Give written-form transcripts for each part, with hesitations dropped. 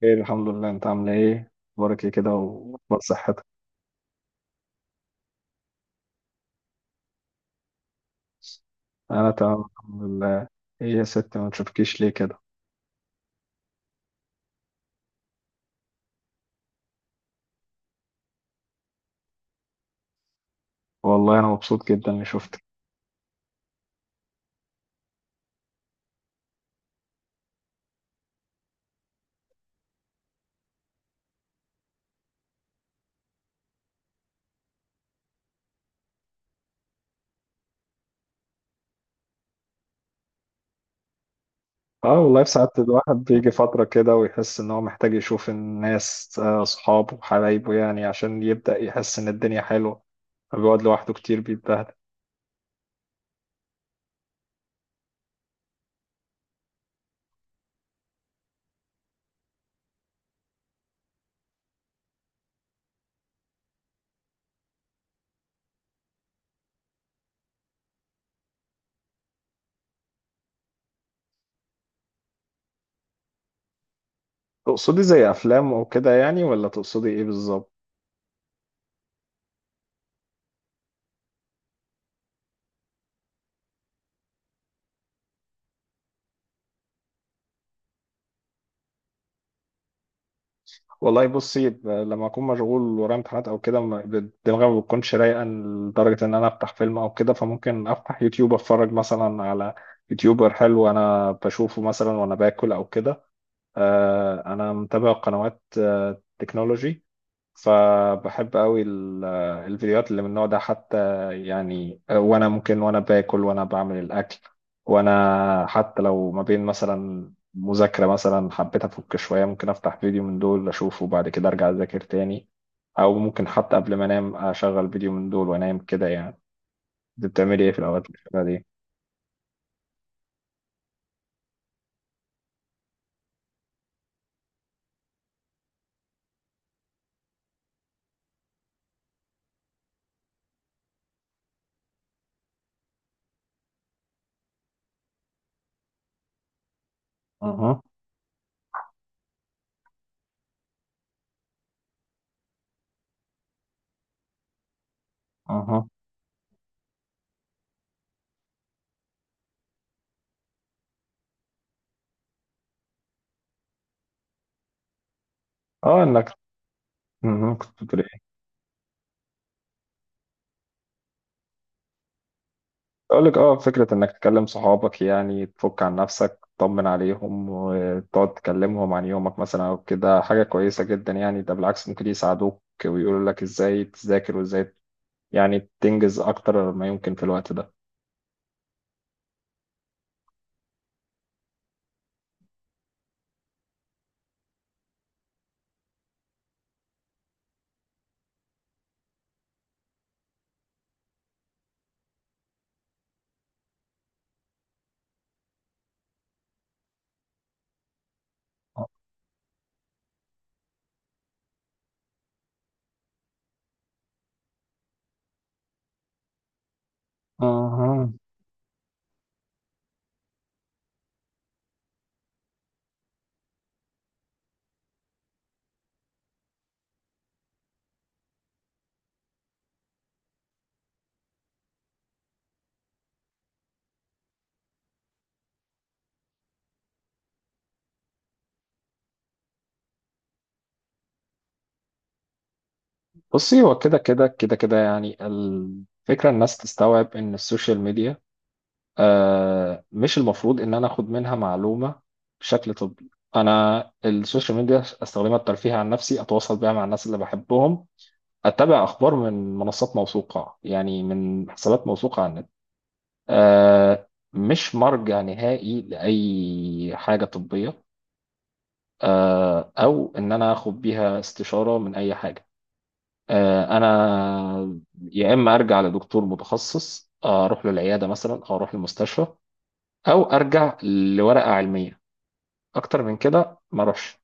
خير، الحمد لله. انت عامله ايه؟ اخبارك ايه كده؟ واخبار صحتك؟ انا تمام الحمد لله. ايه يا ست ما تشوفكيش ليه كده؟ والله انا مبسوط جدا اني شفتك. اه والله في ساعات الواحد بيجي فتره كده ويحس ان هو محتاج يشوف الناس، اصحابه وحبايبه، يعني عشان يبدا يحس ان الدنيا حلوه. بيقعد لوحده كتير بيتبهدل. تقصدي زي افلام وكده يعني ولا تقصدي ايه بالظبط؟ والله بصي، لما اكون مشغول ورايا امتحانات او كده دماغي ما بتكونش رايقه لدرجه ان انا افتح فيلم او كده، فممكن افتح يوتيوب اتفرج مثلا على يوتيوبر حلو انا بشوفه مثلا وانا باكل او كده. انا متابع قنوات تكنولوجي، فبحب قوي الفيديوهات اللي من النوع ده. حتى يعني وانا ممكن وانا باكل وانا بعمل الاكل، وانا حتى لو ما بين مثلا مذاكرة مثلا حبيت افك شوية ممكن افتح فيديو من دول اشوفه وبعد كده ارجع اذاكر تاني، او ممكن حتى قبل ما انام اشغل فيديو من دول وانام كده يعني. انت بتعملي ايه في الاوقات اللي شبه دي؟ اها. اها. اه انك مهم. كنت بتقولي؟ اقول لك، اه، فكره انك تكلم صحابك يعني تفك عن نفسك، تطمن عليهم وتقعد تكلمهم عن يومك مثلا او كده، حاجه كويسه جدا يعني. ده بالعكس ممكن يساعدوك ويقولوا لك ازاي تذاكر وازاي يعني تنجز اكتر ما يمكن في الوقت ده. اها. بصي، هو كده كده كده كده يعني الفكرة، الناس تستوعب إن السوشيال ميديا، آه، مش المفروض إن أنا أخد منها معلومة بشكل طبي. أنا السوشيال ميديا أستخدمها الترفيه عن نفسي، أتواصل بيها مع الناس اللي بحبهم، أتبع أخبار من منصات موثوقة يعني، من حسابات موثوقة على النت. أه مش مرجع نهائي لأي حاجة طبية، أه، أو إن أنا آخد بيها استشارة من أي حاجة. أه أنا يا إما أرجع لدكتور متخصص، أروح للعيادة مثلا أو أروح للمستشفى، أو أرجع لورقة علمية. أكتر من كده ما أروحش.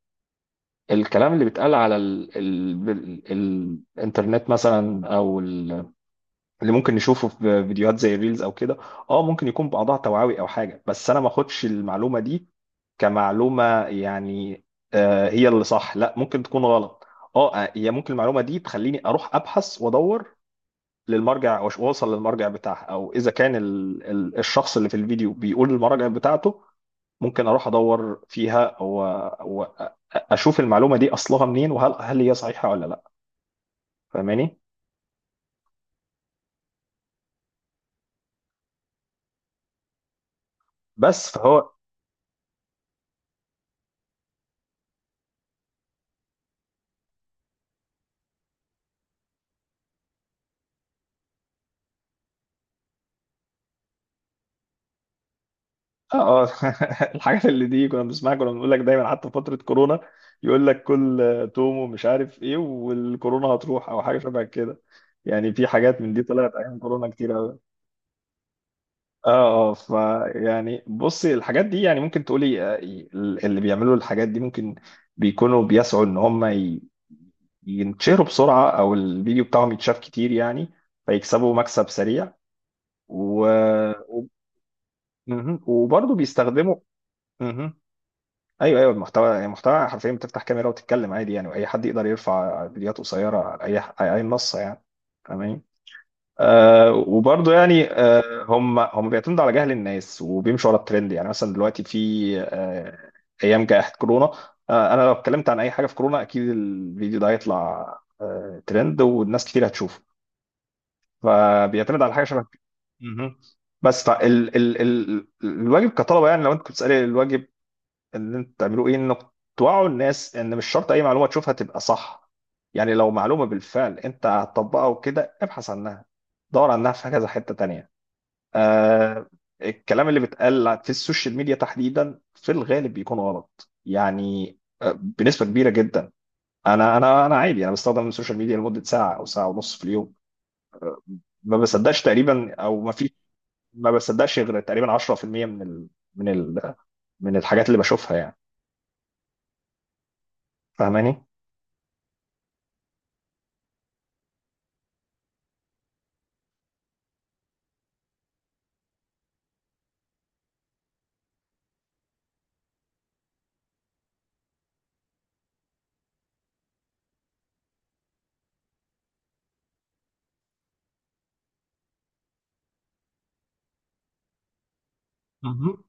الكلام اللي بيتقال على ال الإنترنت مثلا، أو اللي ممكن نشوفه في فيديوهات زي ريلز او كده، اه ممكن يكون بعضها توعوي او حاجه، بس انا ما اخدش المعلومه دي كمعلومه يعني هي اللي صح. لا ممكن تكون غلط. اه، هي ممكن المعلومه دي تخليني اروح ابحث وادور للمرجع، واوصل للمرجع بتاعها، او اذا كان ال ال الشخص اللي في الفيديو بيقول المرجع بتاعته، ممكن اروح ادور فيها واشوف المعلومه دي اصلها منين، وهل هل هي صحيحه ولا لا. فاهماني؟ بس فهو اه. آه. الحاجات اللي دي كنا بنسمعها، كنا بنقول لك دايما، حتى في فترة كورونا يقول لك كل توم ومش عارف ايه والكورونا هتروح، او حاجة شبه كده يعني. في حاجات من دي طلعت ايام كورونا كتير قوي. اه اه ف يعني بصي الحاجات دي يعني ممكن تقولي، اللي بيعملوا الحاجات دي ممكن بيكونوا بيسعوا ان ينتشروا بسرعة، او الفيديو بتاعهم يتشاف كتير يعني، فيكسبوا مكسب سريع. و... و... مهم. وبرضه بيستخدموا مهم. ايوه ايوه، المحتوى يعني، المحتوى حرفيا بتفتح كاميرا وتتكلم عادي يعني، واي حد يقدر يرفع فيديوهات قصيره على اي على اي منصه يعني. فاهمين؟ آه وبرضه يعني، آه، هم بيعتمدوا على جهل الناس وبيمشوا ورا الترند يعني. مثلا دلوقتي في آه، ايام جائحه كورونا، آه، انا لو اتكلمت عن اي حاجه في كورونا اكيد الفيديو ده هيطلع آه ترند والناس كتير هتشوفه، فبيعتمد على حاجه شبه كده. مهم. بس فال ال ال الواجب كطلبه يعني، لو انت كنت بتسالي الواجب اللي انتوا بتعملوه ايه، انك توعوا الناس ان مش شرط اي معلومه تشوفها تبقى صح. يعني لو معلومه بالفعل انت هتطبقها وكده ابحث عنها، دور عنها في كذا حته تانية. آه، الكلام اللي بيتقال في السوشيال ميديا تحديدا في الغالب بيكون غلط يعني، بنسبه كبيره جدا. انا عادي انا بستخدم السوشيال ميديا لمده ساعه او ساعه ونص في اليوم. ما بصدقش تقريبا، او ما في، ما بصدقش غير تقريبا 10% من ال من ال من الحاجات اللي بشوفها يعني. فاهماني؟ مهم.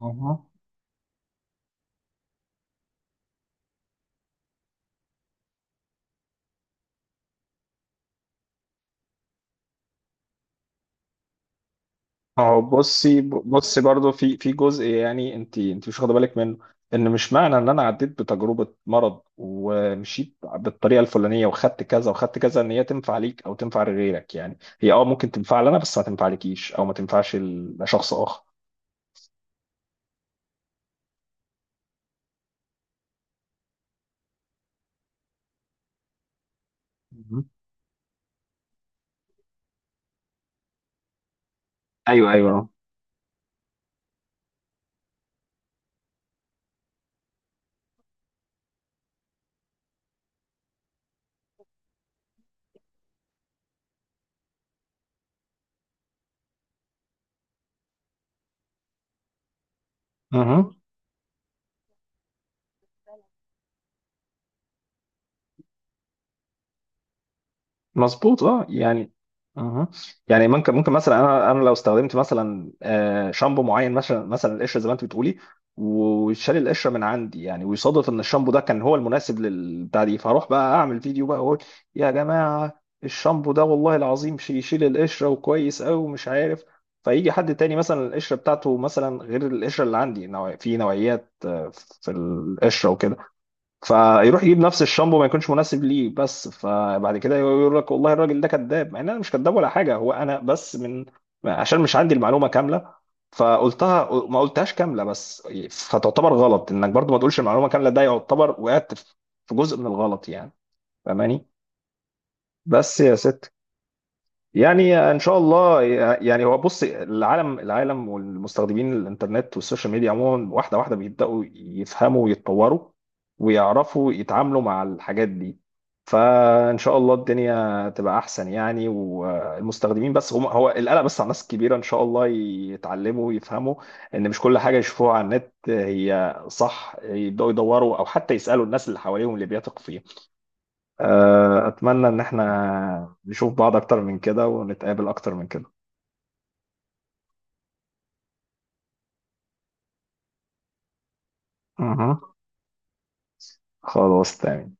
مهم. اهو بصي بصي، برضو في جزء يعني انت انت مش واخده بالك منه، ان مش معنى ان انا عديت بتجربه مرض ومشيت بالطريقه الفلانيه وخدت كذا وخدت كذا، ان هي تنفع ليك او تنفع لغيرك. يعني هي اه ممكن تنفع لنا بس ما تنفع ليكيش او ما تنفعش لشخص اخر. مهم. ايوه ايوه. مهم. مظبوط اه يعني. اها. يعني ممكن، ممكن مثلا انا، انا لو استخدمت مثلا، شامبو معين مثلا، مثلا القشره زي ما انت بتقولي، وشال القشره من عندي يعني، ويصادف ان الشامبو ده كان هو المناسب للبتاع دي، فاروح بقى اعمل فيديو بقى واقول يا جماعه الشامبو ده والله العظيم يشيل القشره وكويس قوي ومش عارف. فيجي حد تاني مثلا القشره بتاعته مثلا غير القشره اللي عندي، نوع في نوعيات في القشره وكده، فيروح يجيب نفس الشامبو ما يكونش مناسب ليه، بس فبعد كده يقول لك والله الراجل ده كذاب، مع ان انا مش كذاب ولا حاجه هو، انا بس من عشان مش عندي المعلومه كامله فقلتها، ما قلتهاش كامله بس. فتعتبر غلط انك برضو ما تقولش المعلومه كامله، ده يعتبر وقعت في جزء من الغلط يعني. فاهماني؟ بس يا ست يعني ان شاء الله. يعني هو بص، العالم العالم والمستخدمين الانترنت والسوشيال ميديا عموما، واحده واحده بيبداوا يفهموا ويتطوروا ويعرفوا يتعاملوا مع الحاجات دي، فان شاء الله الدنيا تبقى احسن يعني. والمستخدمين بس هم، هو القلق بس على الناس الكبيره، ان شاء الله يتعلموا ويفهموا ان مش كل حاجه يشوفوها على النت هي صح، يبداوا يدوروا او حتى يسالوا الناس اللي حواليهم اللي بيثقوا فيهم. آه، أتمنى إن إحنا نشوف بعض أكتر من كده ونتقابل أكتر من كده. أها. خلاص تمام.